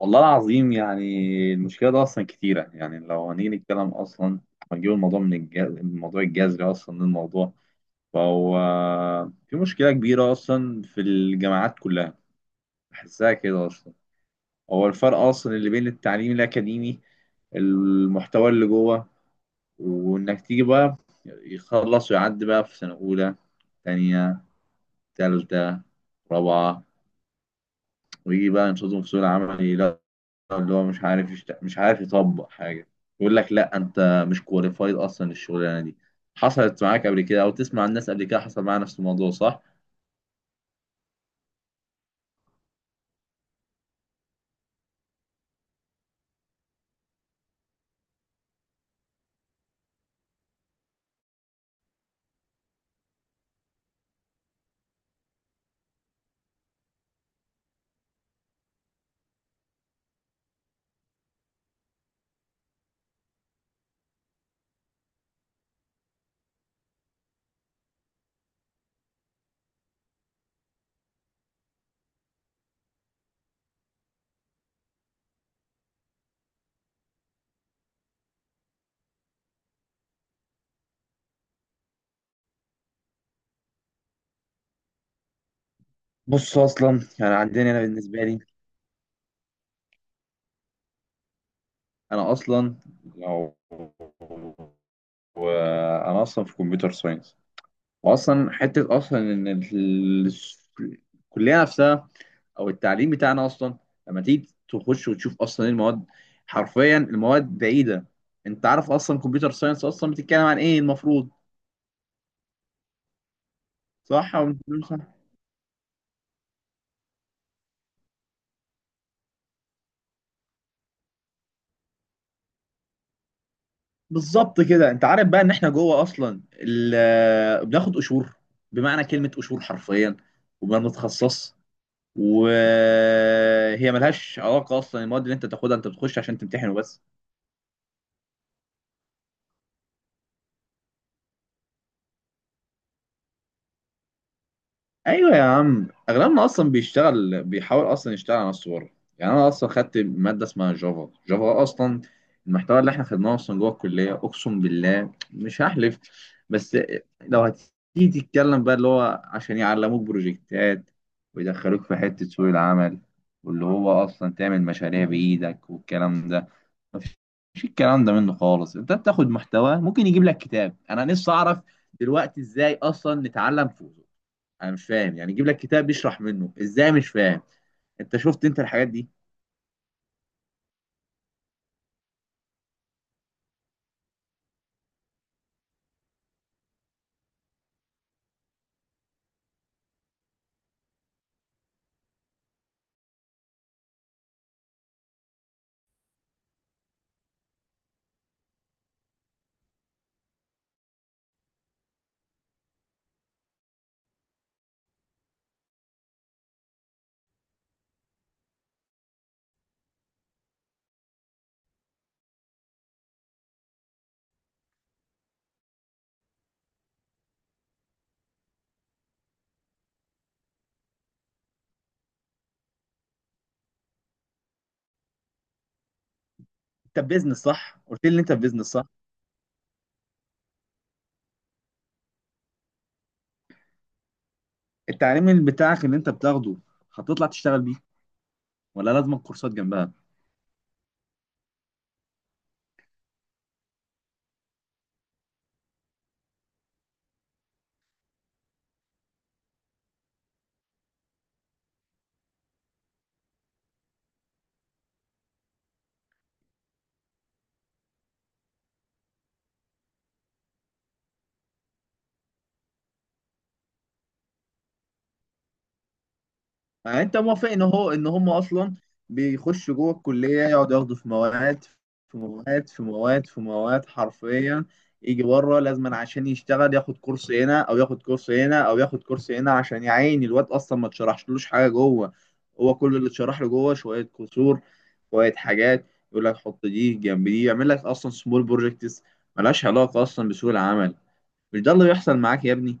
والله العظيم. يعني المشكلة ده أصلا كتيرة، يعني لو هنيجي نتكلم أصلا، هنجيب الموضوع من الموضوع الجذري أصلا للموضوع. فهو في مشكلة كبيرة أصلا في الجامعات كلها، بحسها كده أصلا. هو الفرق أصلا اللي بين التعليم الأكاديمي، المحتوى اللي جوه، وإنك تيجي بقى يخلص ويعدي بقى في سنة أولى، تانية، تالتة، رابعة، ويجي بقى ينشطهم في سوق العمل، اللي هو مش عارف مش عارف يطبق حاجه. يقول لك لا، انت مش كواليفايد اصلا الشغلانه دي. حصلت معاك قبل كده او تسمع عن الناس قبل كده حصل معاها نفس الموضوع، صح؟ بص اصلا، يعني عندنا، انا بالنسبه لي، انا اصلا، لو وانا اصلا في كمبيوتر ساينس، واصلا حته اصلا ان الكليه نفسها او التعليم بتاعنا اصلا، لما تيجي تخش وتشوف اصلا ايه المواد، حرفيا المواد بعيده. انت عارف اصلا كمبيوتر ساينس اصلا بتتكلم عن ايه المفروض؟ صح او مش صح؟ بالظبط كده. انت عارف بقى ان احنا جوه اصلا بناخد قشور، بمعنى كلمه قشور حرفيا. وما بنتخصص، وهي ملهاش علاقه اصلا المواد اللي انت تاخدها، انت بتخش عشان تمتحن وبس. ايوه يا عم، اغلبنا اصلا بيشتغل، بيحاول اصلا يشتغل على نفسه بره. يعني انا اصلا خدت ماده اسمها جافا. جافا اصلا المحتوى اللي احنا خدناه اصلا جوه الكليه، اقسم بالله مش هحلف. بس لو هتيجي تتكلم بقى اللي هو عشان يعلموك بروجكتات ويدخلوك في حته سوق العمل، واللي هو اصلا تعمل مشاريع بايدك والكلام ده، مفيش الكلام ده منه خالص. انت بتاخد محتوى ممكن يجيب لك كتاب. انا نفسي اعرف دلوقتي ازاي اصلا نتعلم. انا مش فاهم، يعني يجيب لك كتاب بيشرح منه ازاي، مش فاهم. انت شفت انت الحاجات دي؟ انت في بيزنس صح؟ قلت لي ان انت في بيزنس، صح. التعليم اللي بتاعك اللي انت بتاخده هتطلع تشتغل بيه، ولا لازم كورسات جنبها؟ يعني انت موافق ان هو ان هم اصلا بيخشوا جوه الكليه يقعدوا ياخدوا في مواد في مواد في مواد في مواد حرفيا، يجي بره لازما عشان يشتغل ياخد كورس هنا او ياخد كورس هنا او ياخد كورس هنا، عشان يعين الواد اصلا ما اتشرحشلوش حاجه جوه. هو كل اللي اتشرح له جوه شويه كسور، شويه حاجات، يقول لك حط دي جنب دي، يعمل لك اصلا سمول بروجكتس. ملهاش علاقه اصلا بسوق العمل. مش ده اللي بيحصل معاك يا ابني؟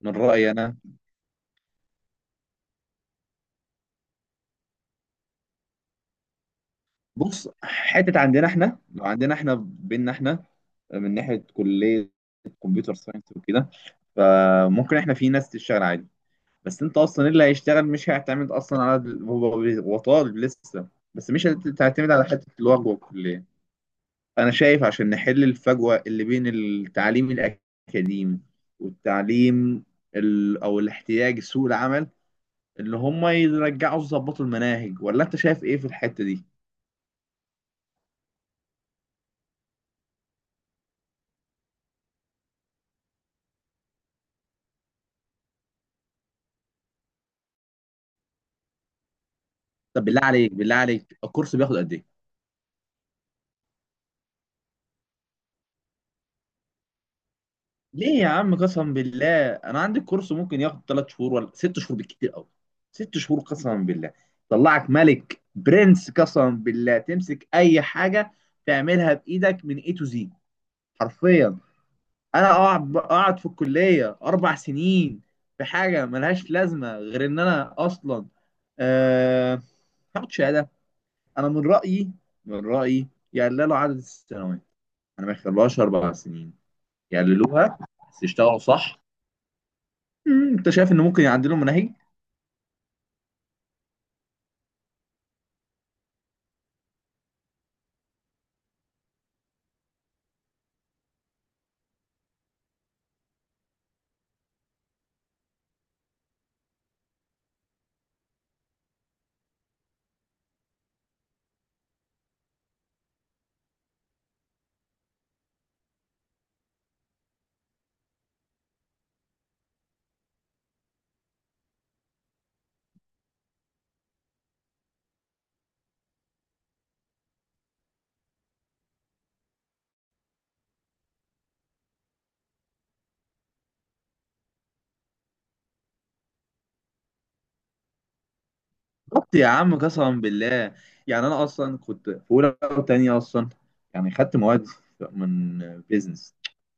من رايي انا، بص حتة عندنا احنا، لو عندنا احنا بينا احنا، من ناحية كلية كمبيوتر ساينس وكده، فممكن احنا في ناس تشتغل عادي. بس انت اصلا إيه اللي هيشتغل؟ مش هيعتمد اصلا على هو، هو طالب لسه. بس مش هتعتمد على حتة الوجبة والكلية. انا شايف عشان نحل الفجوة اللي بين التعليم الاكاديمي والتعليم، او الاحتياج سوق العمل، اللي هم يرجعوا يظبطوا المناهج. ولا انت شايف ايه في الحتة دي؟ طب بالله عليك، بالله عليك، الكورس بياخد قد ايه؟ ليه يا عم؟ قسما بالله انا عندي الكورس ممكن ياخد 3 شهور ولا 6 شهور بالكتير قوي. 6 شهور قسما بالله طلعك ملك برنس. قسما بالله تمسك اي حاجه تعملها بايدك من اي تو زي، حرفيا. انا اقعد في الكليه 4 سنين في حاجه ملهاش لازمه غير ان انا اصلا أه... هاخد شهاده. انا من رايي، من رايي يقللوا عدد السنوات. انا ما يخلوهاش 4 سنين، يعدلوها بس يشتغلوا صح. انت شايف ان ممكن يعدلوا مناهج. بالظبط يا عم قسما بالله. يعني انا اصلا كنت في اولى وثانيه اصلا، يعني خدت مواد من بيزنس.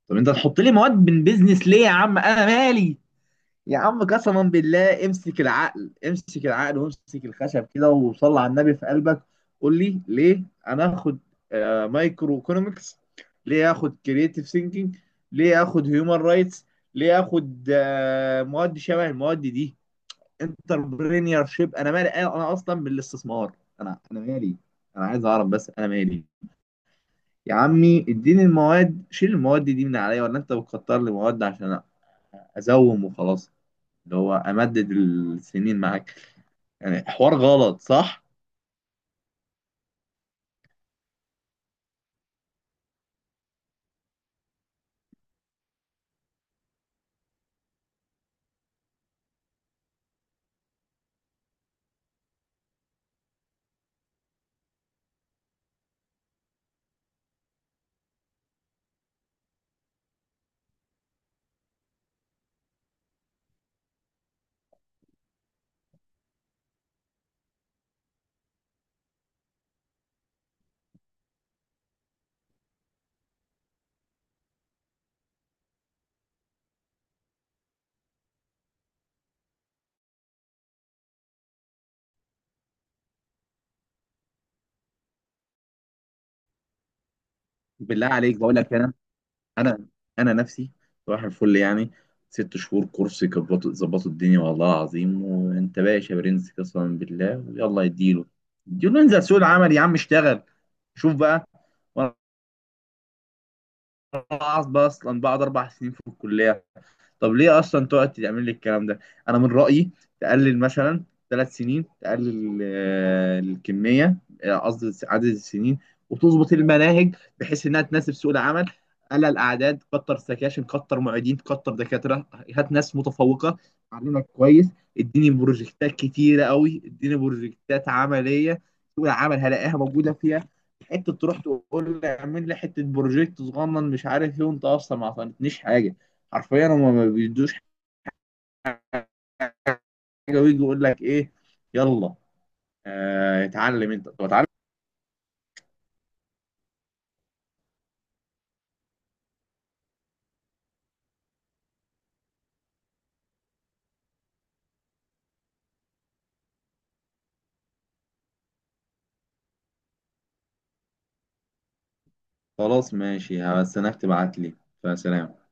طب انت تحط لي مواد من بيزنس ليه يا عم؟ انا مالي؟ يا عم قسما بالله امسك العقل، امسك العقل وامسك الخشب كده، وصل على النبي في قلبك. قول لي ليه انا اخد مايكرو ايكونومكس؟ ليه اخد كرييتيف ثينكينج؟ ليه اخد هيومن رايتس؟ ليه اخد مواد شبه المواد دي؟ انتربرينيور شيب؟ انا مالي؟ أنا اصلا بالاستثمار، انا مالي. انا عايز اعرف، بس انا مالي. يا عمي اديني المواد، شيل المواد دي من عليا. ولا انت بتكتر لي مواد عشان ازوم وخلاص؟ اللي هو امدد السنين معاك، يعني حوار غلط صح؟ بالله عليك بقول لك، انا انا نفسي صباح الفل، يعني 6 شهور كورس يظبطوا، يظبطوا الدنيا والله العظيم وانت باشا برنس قسما بالله، ويلا يديله. يديله، انزل سوق العمل يا عم، اشتغل شوف بقى. وانا اصلا بقعد 4 سنين في الكليه؟ طب ليه اصلا تقعد تعمل لي الكلام ده؟ انا من رايي تقلل مثلا 3 سنين، تقلل الكميه، قصدي عدد السنين، وتظبط المناهج بحيث انها تناسب سوق العمل. قلل اعداد، كتر سكاشن، كتر معيدين، كتر دكاتره. هات ناس متفوقه علمك كويس. اديني بروجكتات كتيره قوي، اديني بروجكتات عمليه، سوق العمل هلاقيها موجوده فيها. حته تروح تقول لي اعمل لي حته بروجكت صغنن مش عارف ايه، وانت اصلا ما عطيتنيش حاجه. حرفيا هما ما بيدوش حاجه، ويجي يقول لك ايه؟ يلا اتعلم انت. طب اتعلم. خلاص ماشي، بس انك تبعت لي. فسلام.